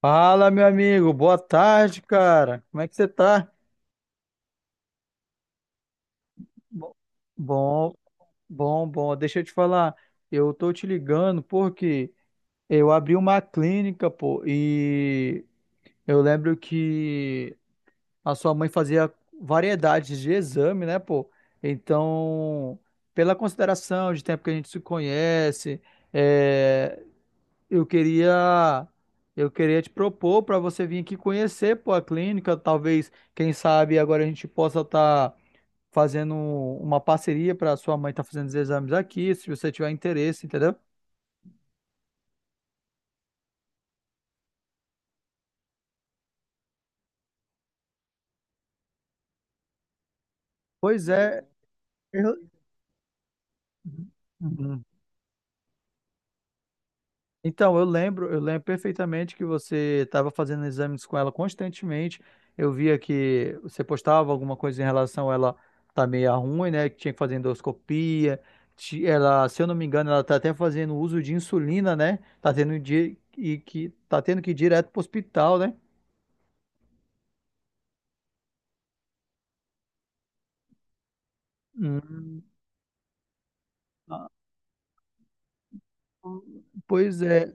Fala, meu amigo. Boa tarde, cara. Como é que você tá? Bo- Bom, bom. Deixa eu te falar. Eu tô te ligando porque eu abri uma clínica, pô, e eu lembro que a sua mãe fazia variedades de exame, né, pô? Então, pela consideração de tempo que a gente se conhece, eh, Eu queria, eu queria te propor para você vir aqui conhecer, pô, a clínica. Talvez, quem sabe, agora a gente possa estar fazendo uma parceria para sua mãe estar fazendo os exames aqui, se você tiver interesse, entendeu? Pois é. Eu... Uhum. Então, eu lembro perfeitamente que você estava fazendo exames com ela constantemente. Eu via que você postava alguma coisa em relação a ela tá meio ruim, né? Que tinha que fazer endoscopia. Ela, se eu não me engano, ela tá até fazendo uso de insulina, né? Tá tendo e que tá tendo que ir direto pro hospital, né? Hum. Pois é.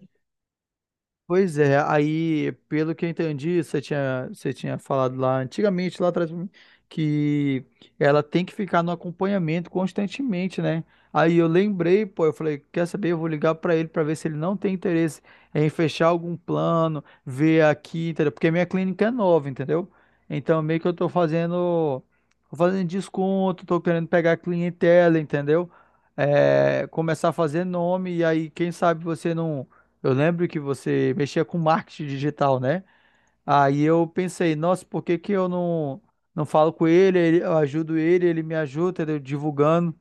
Pois é, aí, pelo que eu entendi, você tinha falado lá antigamente, lá atrás, pra mim, que ela tem que ficar no acompanhamento constantemente, né? Aí eu lembrei, pô, eu falei, quer saber? Eu vou ligar pra ele pra ver se ele não tem interesse em fechar algum plano, ver aqui, entendeu? Porque minha clínica é nova, entendeu? Então, meio que eu tô fazendo desconto, tô querendo pegar clientela, entendeu? É, começar a fazer nome, e aí, quem sabe você não. Eu lembro que você mexia com marketing digital, né? Aí eu pensei, nossa, por que que eu não, não falo com ele, eu ajudo ele, ele me ajuda, entendeu? Divulgando.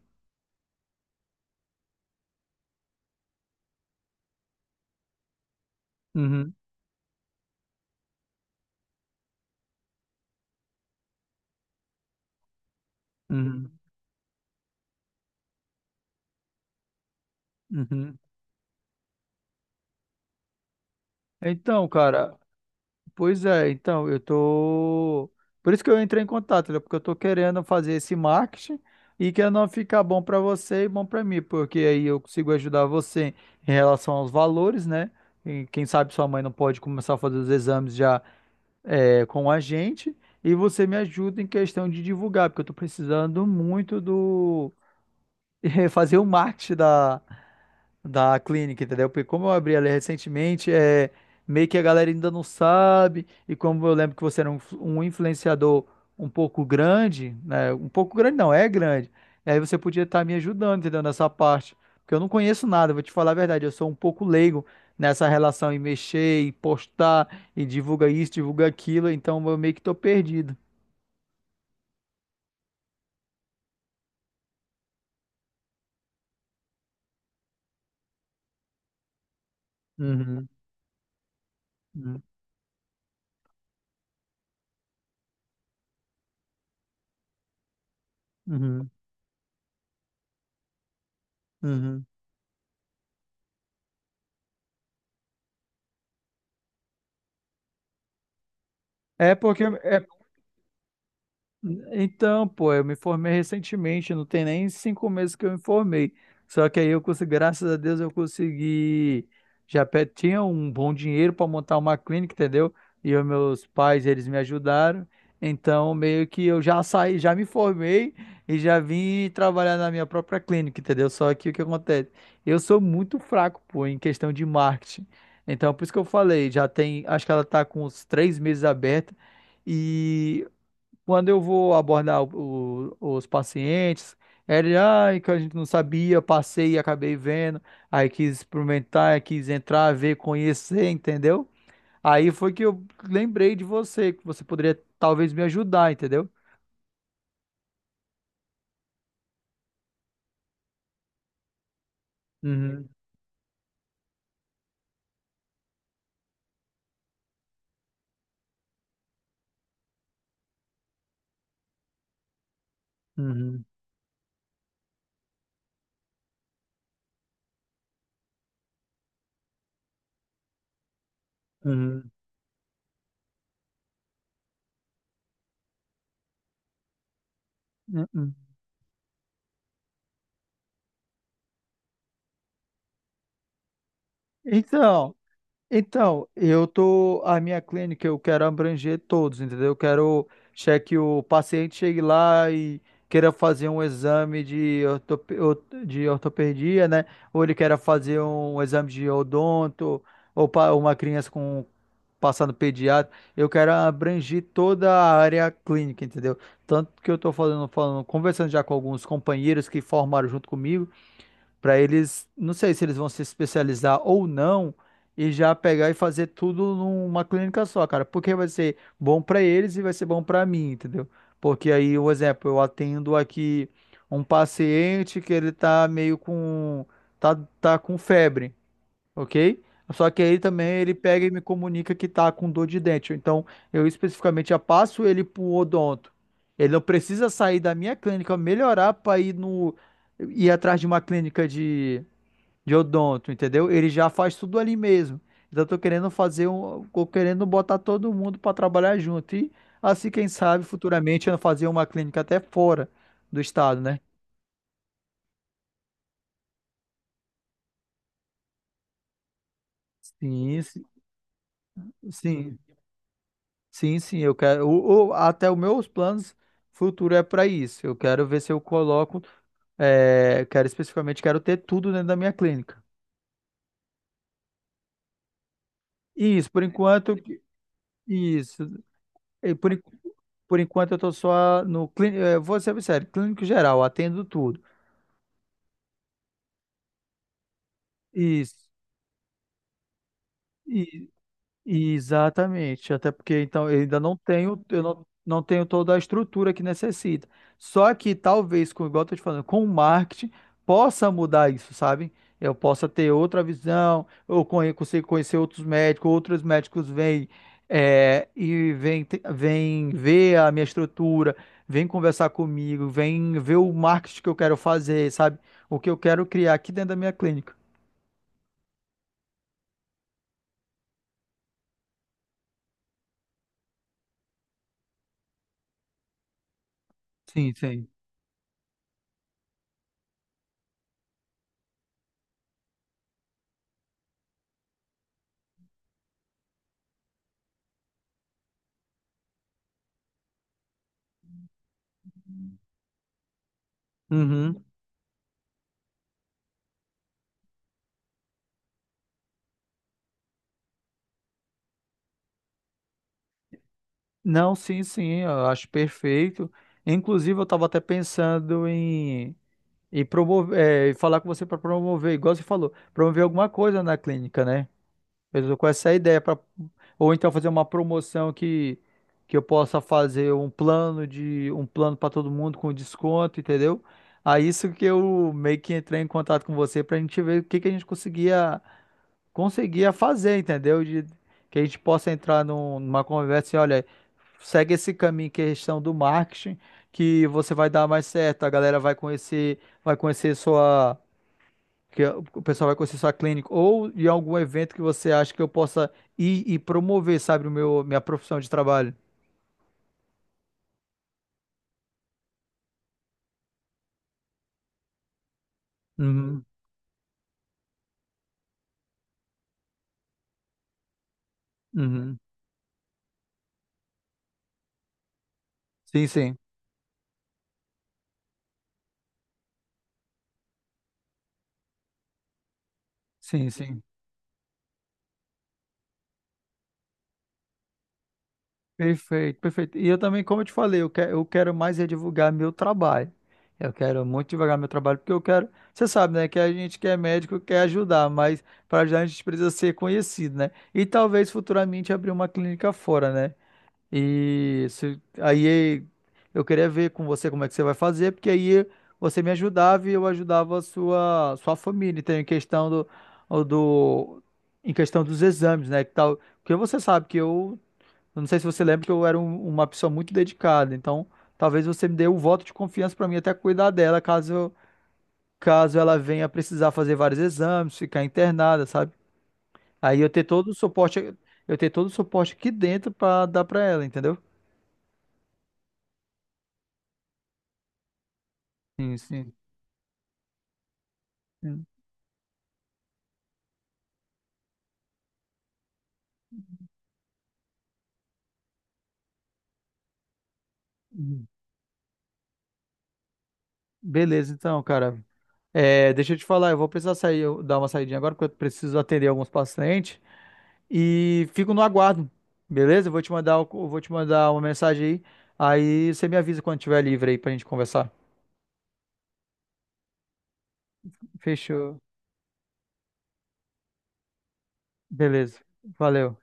Uhum, uhum, uhum. Então, cara, pois é, então, eu tô. Por isso que eu entrei em contato, entendeu? Porque eu tô querendo fazer esse marketing e que não ficar bom pra você e bom pra mim, porque aí eu consigo ajudar você em relação aos valores, né? E quem sabe sua mãe não pode começar a fazer os exames já é, com a gente e você me ajuda em questão de divulgar, porque eu estou precisando muito do fazer o marketing da clínica, entendeu? Porque como eu abri ali recentemente, é meio que a galera ainda não sabe, e como eu lembro que você era um influenciador um pouco grande, né? Um pouco grande não, é grande. E aí você podia estar me ajudando, entendeu? Nessa parte. Porque eu não conheço nada, vou te falar a verdade, eu sou um pouco leigo nessa relação e mexer, e postar, e divulga isso, divulga aquilo, então eu meio que tô perdido. Uhum, uhum, uhum, uhum. É porque é Então, pô, eu me formei recentemente, não tem nem 5 meses que eu me formei. Só que aí eu consegui, graças a Deus, eu consegui. Tinha um bom dinheiro para montar uma clínica, entendeu? E os meus pais, eles me ajudaram. Então, meio que eu já saí, já me formei e já vim trabalhar na minha própria clínica, entendeu? Só que o que acontece? Eu sou muito fraco, pô, em questão de marketing. Então, por isso que eu falei, já tem, acho que ela tá com uns 3 meses aberta. E quando eu vou abordar os pacientes, ele, ai, que a gente não sabia, passei e acabei vendo, aí quis experimentar, quis entrar, ver, conhecer, entendeu? Aí foi que eu lembrei de você, que você poderia talvez me ajudar, entendeu? Uhum, uhum, uhum. Uhum. Então, Então, eu tô, a minha clínica eu quero abranger todos, entendeu? Eu quero que o paciente chegue lá e queira fazer um exame de, de ortopedia, né? Ou ele queira fazer um exame de odonto, ou uma criança com passando pediatra. Eu quero abranger toda a área clínica, entendeu? Tanto que eu tô conversando já com alguns companheiros que formaram junto comigo para eles, não sei se eles vão se especializar ou não, e já pegar e fazer tudo numa clínica só, cara, porque vai ser bom para eles e vai ser bom para mim, entendeu? Porque aí, um exemplo, eu atendo aqui um paciente que ele tá meio com tá, tá com febre, ok? Só que aí também ele pega e me comunica que tá com dor de dente. Então, eu especificamente já passo ele pro odonto. Ele não precisa sair da minha clínica, melhorar para ir no ir atrás de uma clínica de odonto, entendeu? Ele já faz tudo ali mesmo. Então, eu tô querendo fazer um, tô querendo botar todo mundo para trabalhar junto. E assim, quem sabe, futuramente eu fazer uma clínica até fora do estado, né? Sim, sim, sim. Sim, sim, eu quero. Até os meus planos futuros é para isso. Eu quero ver se eu coloco. É, quero especificamente, quero ter tudo dentro da minha clínica. Isso, por enquanto. Isso. E Por, en- por enquanto eu tô só no clínico. Vou ser sério, clínico geral, atendo tudo. Isso. Exatamente, até porque então eu ainda não tenho, eu não, não tenho toda a estrutura que necessita. Só que talvez, com igual eu tô te falando, com o marketing possa mudar isso, sabe? Eu possa ter outra visão, eu consigo conhecer outros médicos vêm é, e vêm ver a minha estrutura, vêm conversar comigo, vêm ver o marketing que eu quero fazer, sabe? O que eu quero criar aqui dentro da minha clínica. Sim, sim. Uhum. Não, sim, sim, eu acho perfeito. Inclusive, eu estava até pensando em promover, é, em falar com você para promover, igual você falou, promover alguma coisa na clínica, né? Eu tô com essa ideia para ou então fazer uma promoção que eu possa fazer um plano de um plano para todo mundo com desconto, entendeu? Aí isso que eu meio que entrei em contato com você para a gente ver o que que a gente conseguia conseguia fazer, entendeu? De, que a gente possa entrar numa conversa e olha segue esse caminho que é a questão do marketing, que você vai dar mais certo, a galera vai conhecer sua, que o pessoal vai conhecer sua clínica ou de algum evento que você acha que eu possa ir e promover, sabe, o meu minha profissão de trabalho. Uhum, uhum. Sim, sim. Sim, sim. Perfeito, perfeito. E eu também, como eu te falei, eu quero mais é divulgar meu trabalho. Eu quero muito divulgar meu trabalho, porque eu quero. Você sabe, né, que a gente que é médico quer ajudar, mas para ajudar a gente precisa ser conhecido, né? E talvez futuramente abrir uma clínica fora, né? Aí eu queria ver com você como é que você vai fazer, porque aí você me ajudava e eu ajudava a sua família. Então, do, em questão dos exames, né? Que tal, porque você sabe que eu não sei se você lembra que eu era uma pessoa muito dedicada, então talvez você me dê o voto de confiança para mim até cuidar dela, caso ela venha precisar fazer vários exames, ficar internada, sabe? Aí eu ter todo o suporte, eu ter todo o suporte aqui dentro para dar para ela, entendeu? Sim, sim. Hum, hum. Beleza, então, cara. É, deixa eu te falar, eu vou precisar sair, eu dar uma saidinha agora, porque eu preciso atender alguns pacientes. E fico no aguardo. Beleza? Eu vou te mandar uma mensagem aí. Aí você me avisa quando tiver livre aí pra gente conversar. Fechou. Beleza. Valeu.